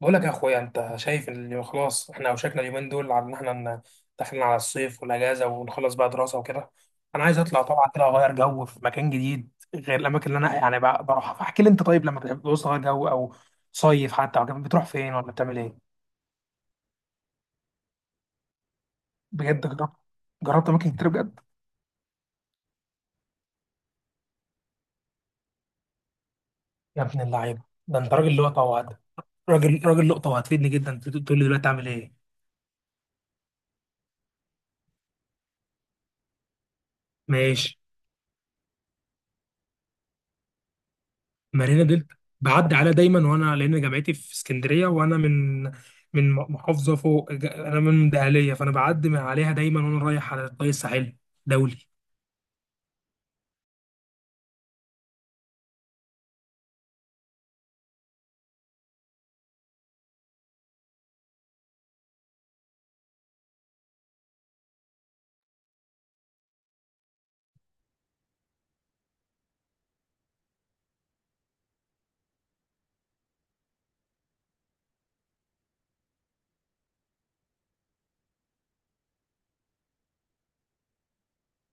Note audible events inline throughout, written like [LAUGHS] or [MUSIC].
بقول لك يا اخويا، انت شايف ان خلاص احنا اوشكنا اليومين دول على ان احنا داخلين على الصيف والاجازه ونخلص بقى دراسه وكده. انا عايز اطلع طبعا كده، اغير جو في مكان جديد غير الاماكن اللي انا يعني بروحها، فاحكي لي انت، طيب لما بتعوز تغير جو او صيف حتى او كده، بتروح فين ولا بتعمل ايه؟ بجد جربت اماكن كتير بجد. يا ابن اللعيبه، ده انت راجل لقطه راجل لقطه وهتفيدني جدا، تقول لي دلوقتي اعمل ايه. ماشي. مارينا دلتا، بعدي عليها دايما، وانا لان جامعتي في اسكندريه، وانا من محافظه فوق، انا من دهليه، فانا بعدي من عليها دايما وانا رايح على الطريق الساحلي دولي.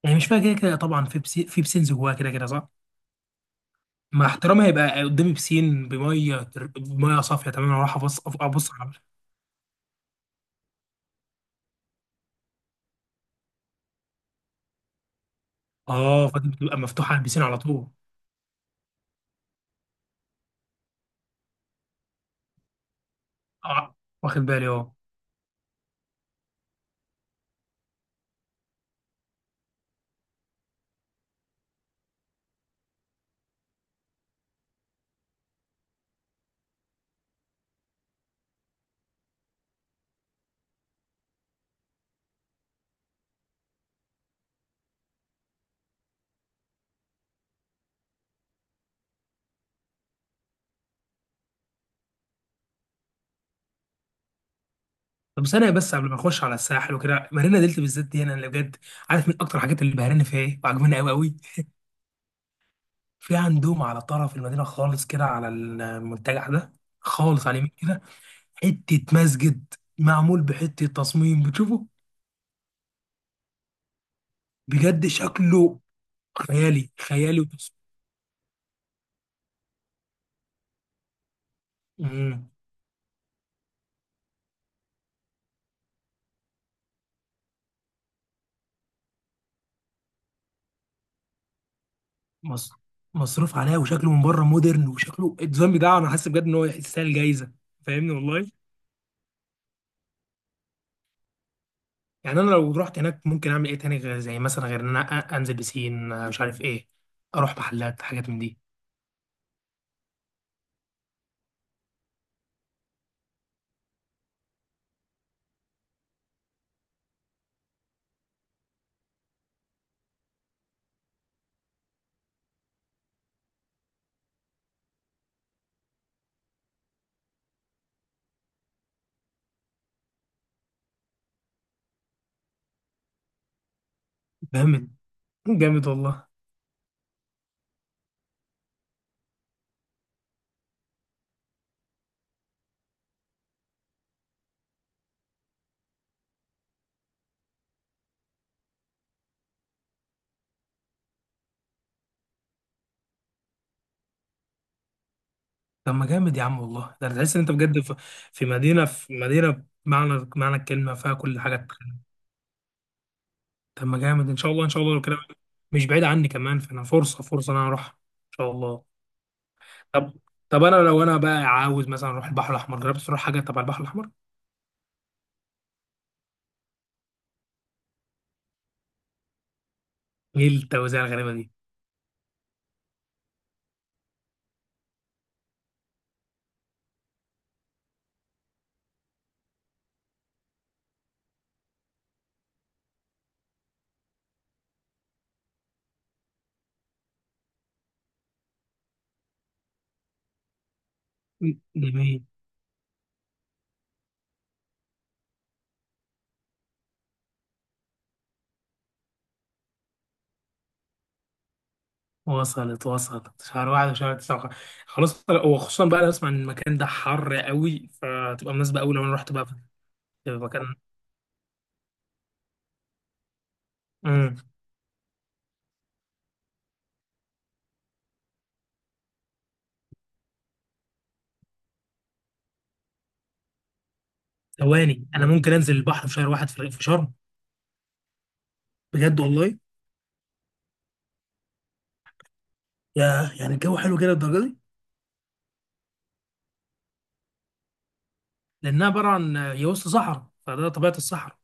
يعني مش فيها كده كده طبعا في بسين، في بسينز جواها كده كده، صح؟ مع احترامها، يبقى قدامي بسين بميه بميه صافيه تماما، واروح ابص على. اه، فدي بتبقى مفتوحه على البسين على طول. اه، واخد بالي، اه. طب ثانية بس قبل ما اخش على الساحل وكده، مارينا دلتا بالذات دي انا اللي بجد عارف من اكتر الحاجات اللي بهراني فيها ايه وعجباني قوي قوي. في عندهم على طرف المدينة خالص كده، على المنتجع ده خالص على اليمين كده، حتة مسجد معمول بحتة تصميم بتشوفه، بجد شكله خيالي خيالي وتصميم. مم. مص- مصروف عليها، وشكله من بره مودرن، وشكله الديزاين بتاعه انا حاسس بجد ان هو يستاهل جايزة، فاهمني والله. يعني انا لو رحت هناك ممكن اعمل ايه تاني، غير زي مثلا غير ان انا انزل بسين، مش عارف ايه، اروح محلات، حاجات من دي. جامد جامد والله. طب ما جامد يا عم والله، ده تحس ان انت بجد في مدينه بمعنى معنى الكلمه، فيها كل حاجه تتخيل. طب ما جامد، ان شاء الله ان شاء الله لو كده، مش بعيد عني كمان، فانا فرصه فرصه ان انا اروح ان شاء الله. طب طب انا لو انا بقى عاوز مثلا اروح البحر الاحمر، جربت تروح حاجه تبع البحر الاحمر؟ ايه التوزيع الغريبه دي؟ جميل. وصلت شهر واحد وشهر تسعة. خلاص، وخصوصا بقى انا بسمع ان المكان ده حر قوي، فتبقى مناسبه قوي لو انا رحت بقى في في مكان. إمم. ثواني، انا ممكن انزل البحر في شهر واحد في في شرم؟ بجد والله؟ يا يعني الجو حلو كده للدرجه دي؟ لانها عباره عن هي وسط صحراء، فده طبيعه الصحراء.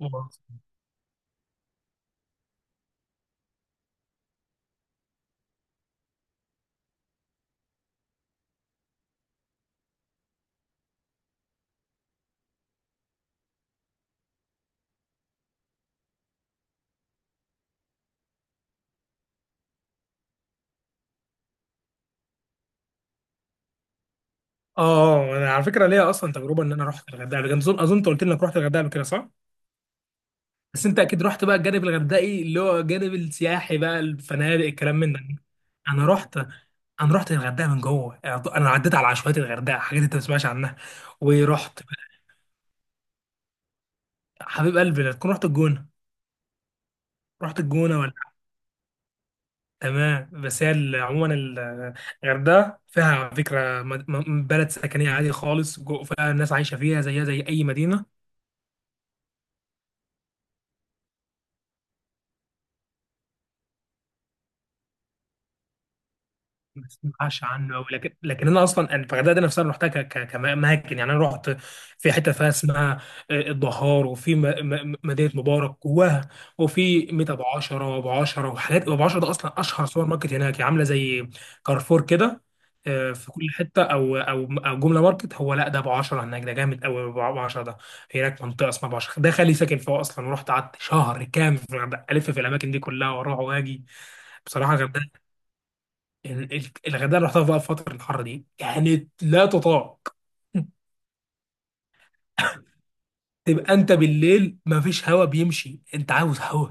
اه. انا على فكره ليا اصلا تجربه ان انا رحت الغردقه قبل كده، اظن انت قلت لي انك رحت الغردقه قبل كده، صح؟ بس انت اكيد رحت بقى الجانب الغردقي، اللي هو الجانب السياحي بقى، الفنادق الكلام من ده. انا رحت انا رحت الغردقه من جوه، انا عديت على عشوائيات الغردقه، حاجات انت ما تسمعش عنها. ورحت، حبيب قلبي لا تكون رحت الجونه؟ رحت الجونه. تمام، بس هي عموما الغردقه فيها على فكره بلد سكنيه عادي خالص، فيها ناس عايشه فيها، زيها زي اي مدينه. ما اسمعش عنه قوي، لكن انا اصلا، أنا الغردقه دي نفسها انا رحتها كاماكن، يعني انا رحت في حته فيها اسمها الدهار، وفي مدينه مبارك جواها، وفي ميت ابو عشره، وابو عشره، وحاجات. ابو عشره ده اصلا اشهر سوبر ماركت هناك، يعني عامله زي كارفور كده. في كل حته، او جمله ماركت، هو لا ده ابو عشره هناك ده جامد قوي. ابو عشره ده، هناك منطقه اسمها ابو عشره، ده خالي ساكن فيها اصلا، ورحت قعدت شهر كامل في الغردقه الف، في الاماكن دي كلها واروح واجي. بصراحه الغردقه، الغردقه اللي رحتها بقى في فتره الحر دي كانت لا تطاق. تبقى انت بالليل مفيش هوا بيمشي، انت عاوز هوا،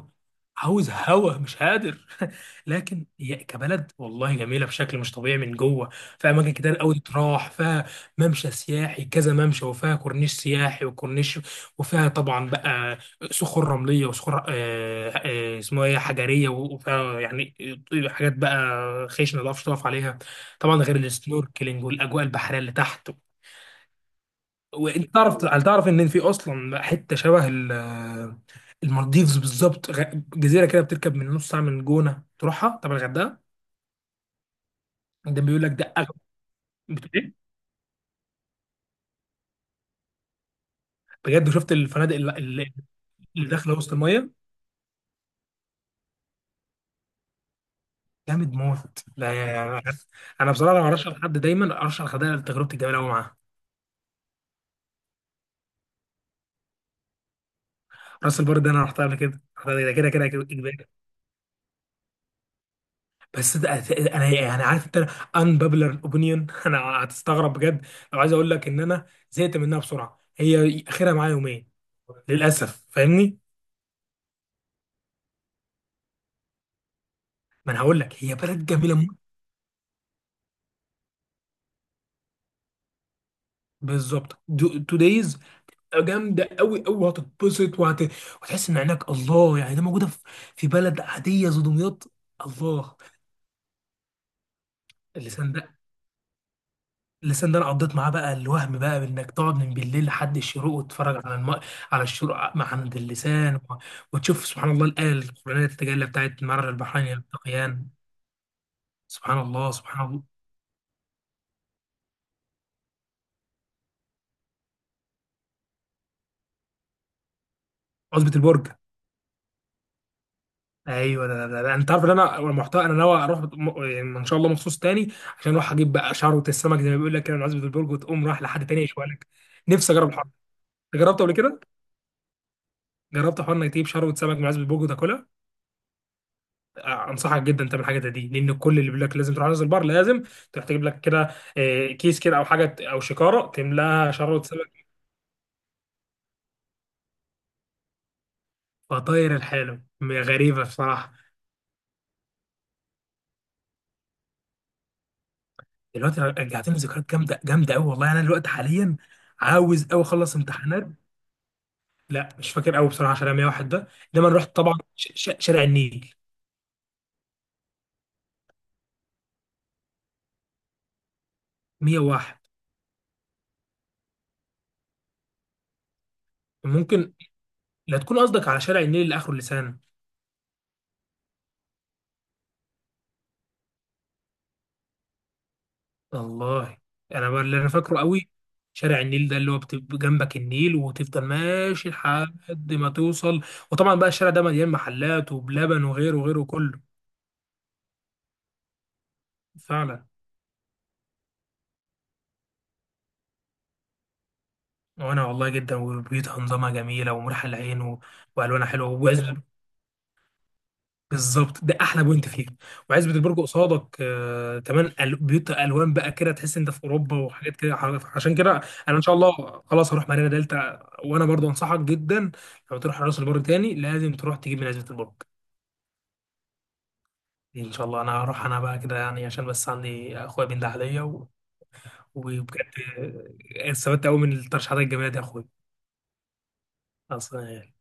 عاوز هوا مش قادر. [LAUGHS] لكن هي كبلد والله جميله بشكل مش طبيعي من جوه، في اماكن كتير قوي تروح فيها، ممشى سياحي كذا ممشى، وفيها كورنيش سياحي وكورنيش، وفيها طبعا بقى صخور رمليه، وصخور اسمها ايه، حجريه، وفيها يعني حاجات بقى خشنه ما تعرفش تقف عليها، طبعا غير السنوركلينج والاجواء البحريه اللي تحت. وانت تعرف، هل تعرف ان في اصلا حته شبه المالديفز بالظبط، جزيره كده بتركب من نص ساعه من الجونه تروحها؟ طب الغردقه، ده بيقول لك ده اغلى. بتقول ايه؟ بجد شفت الفنادق اللي داخله وسط الميه؟ جامد موت لا يعني. انا بصراحه لو ارشح لحد دايما ارشح الغردقه لتجربتي الجميله قوي معاها. راس البر ده انا رحتها قبل كده، رحتها ده كده كده كده اجباري. بس ده انا يعني، عارف انت، unpopular opinion. [LAUGHS] انا هتستغرب بجد لو عايز اقول لك ان انا زهقت منها بسرعه، هي اخرها معايا يومين للاسف، فاهمني. ما انا هقول لك، هي بلد جميله موت. بالظبط. تو دايز. جامده قوي قوي، هتتبسط وتحس ان عينك الله، يعني ده موجوده في بلد عاديه زي دمياط. الله. اللسان ده اللسان ده انا قضيت معاه بقى الوهم، بقى انك تقعد من بالليل لحد الشروق وتتفرج على على الشروق مع عند اللسان وتشوف سبحان الله، الايه القرانيه تتجلى بتاعت مرر البحرين يلتقيان، سبحان الله سبحان الله. عصبة البرج، ايوه، ده، ده، ده. انت عارف ان انا المحتوى، انا ناوي اروح يعني ان شاء الله مخصوص تاني، عشان اروح اجيب بقى شعره السمك، زي ما بيقول لك كده، من عصبة البرج، وتقوم رايح لحد تاني يشوي لك. نفسي اجرب الحوار ده. جربته قبل كده؟ جربت حوار انك تجيب شعره سمك من عصبة البرج وتاكلها؟ انصحك جدا تعمل حاجه زي دي، لان كل اللي بيقول لك لازم تروح راس البر، لازم تروح تجيب لك كده كيس كده او حاجه او شكاره تملاها شر سمك. فطاير الحاله غريبه بصراحه. دلوقتي رجعتني ذكريات جامده جامده قوي والله، انا دلوقتي حاليا عاوز قوي اخلص امتحانات. لا مش فاكر قوي بصراحه، عشان أنا 101 ده، انما أنا رحت طبعا شارع النيل. 101؟ ممكن. لا تكون قصدك على شارع النيل اللي اخره لسان. والله انا بقى اللي انا فاكره قوي شارع النيل ده، اللي هو بتبقى جنبك النيل وتفضل ماشي لحد ما توصل، وطبعا بقى الشارع ده مليان محلات وبلبن وغيره وغيره كله. فعلا. وانا والله جدا، وبيوتها انظمها جميله ومريحه للعين، والوانها حلوه. بالظبط، ده احلى بوينت فيه. وعزبة البرج قصادك كمان بيوت الوان بقى كده، تحس انت في اوروبا وحاجات كده، عشان كده انا ان شاء الله خلاص هروح مارينا دلتا، وانا برضو انصحك جدا لو تروح راس البر تاني لازم تروح تجيب من عزبة البرج. دي ان شاء الله انا هروح، انا بقى كده يعني عشان بس عندي اخويا بين ده عليا، وبجد استفدت قوي من الترشيحات الجميله دي يا اخويا، اصلا يعني.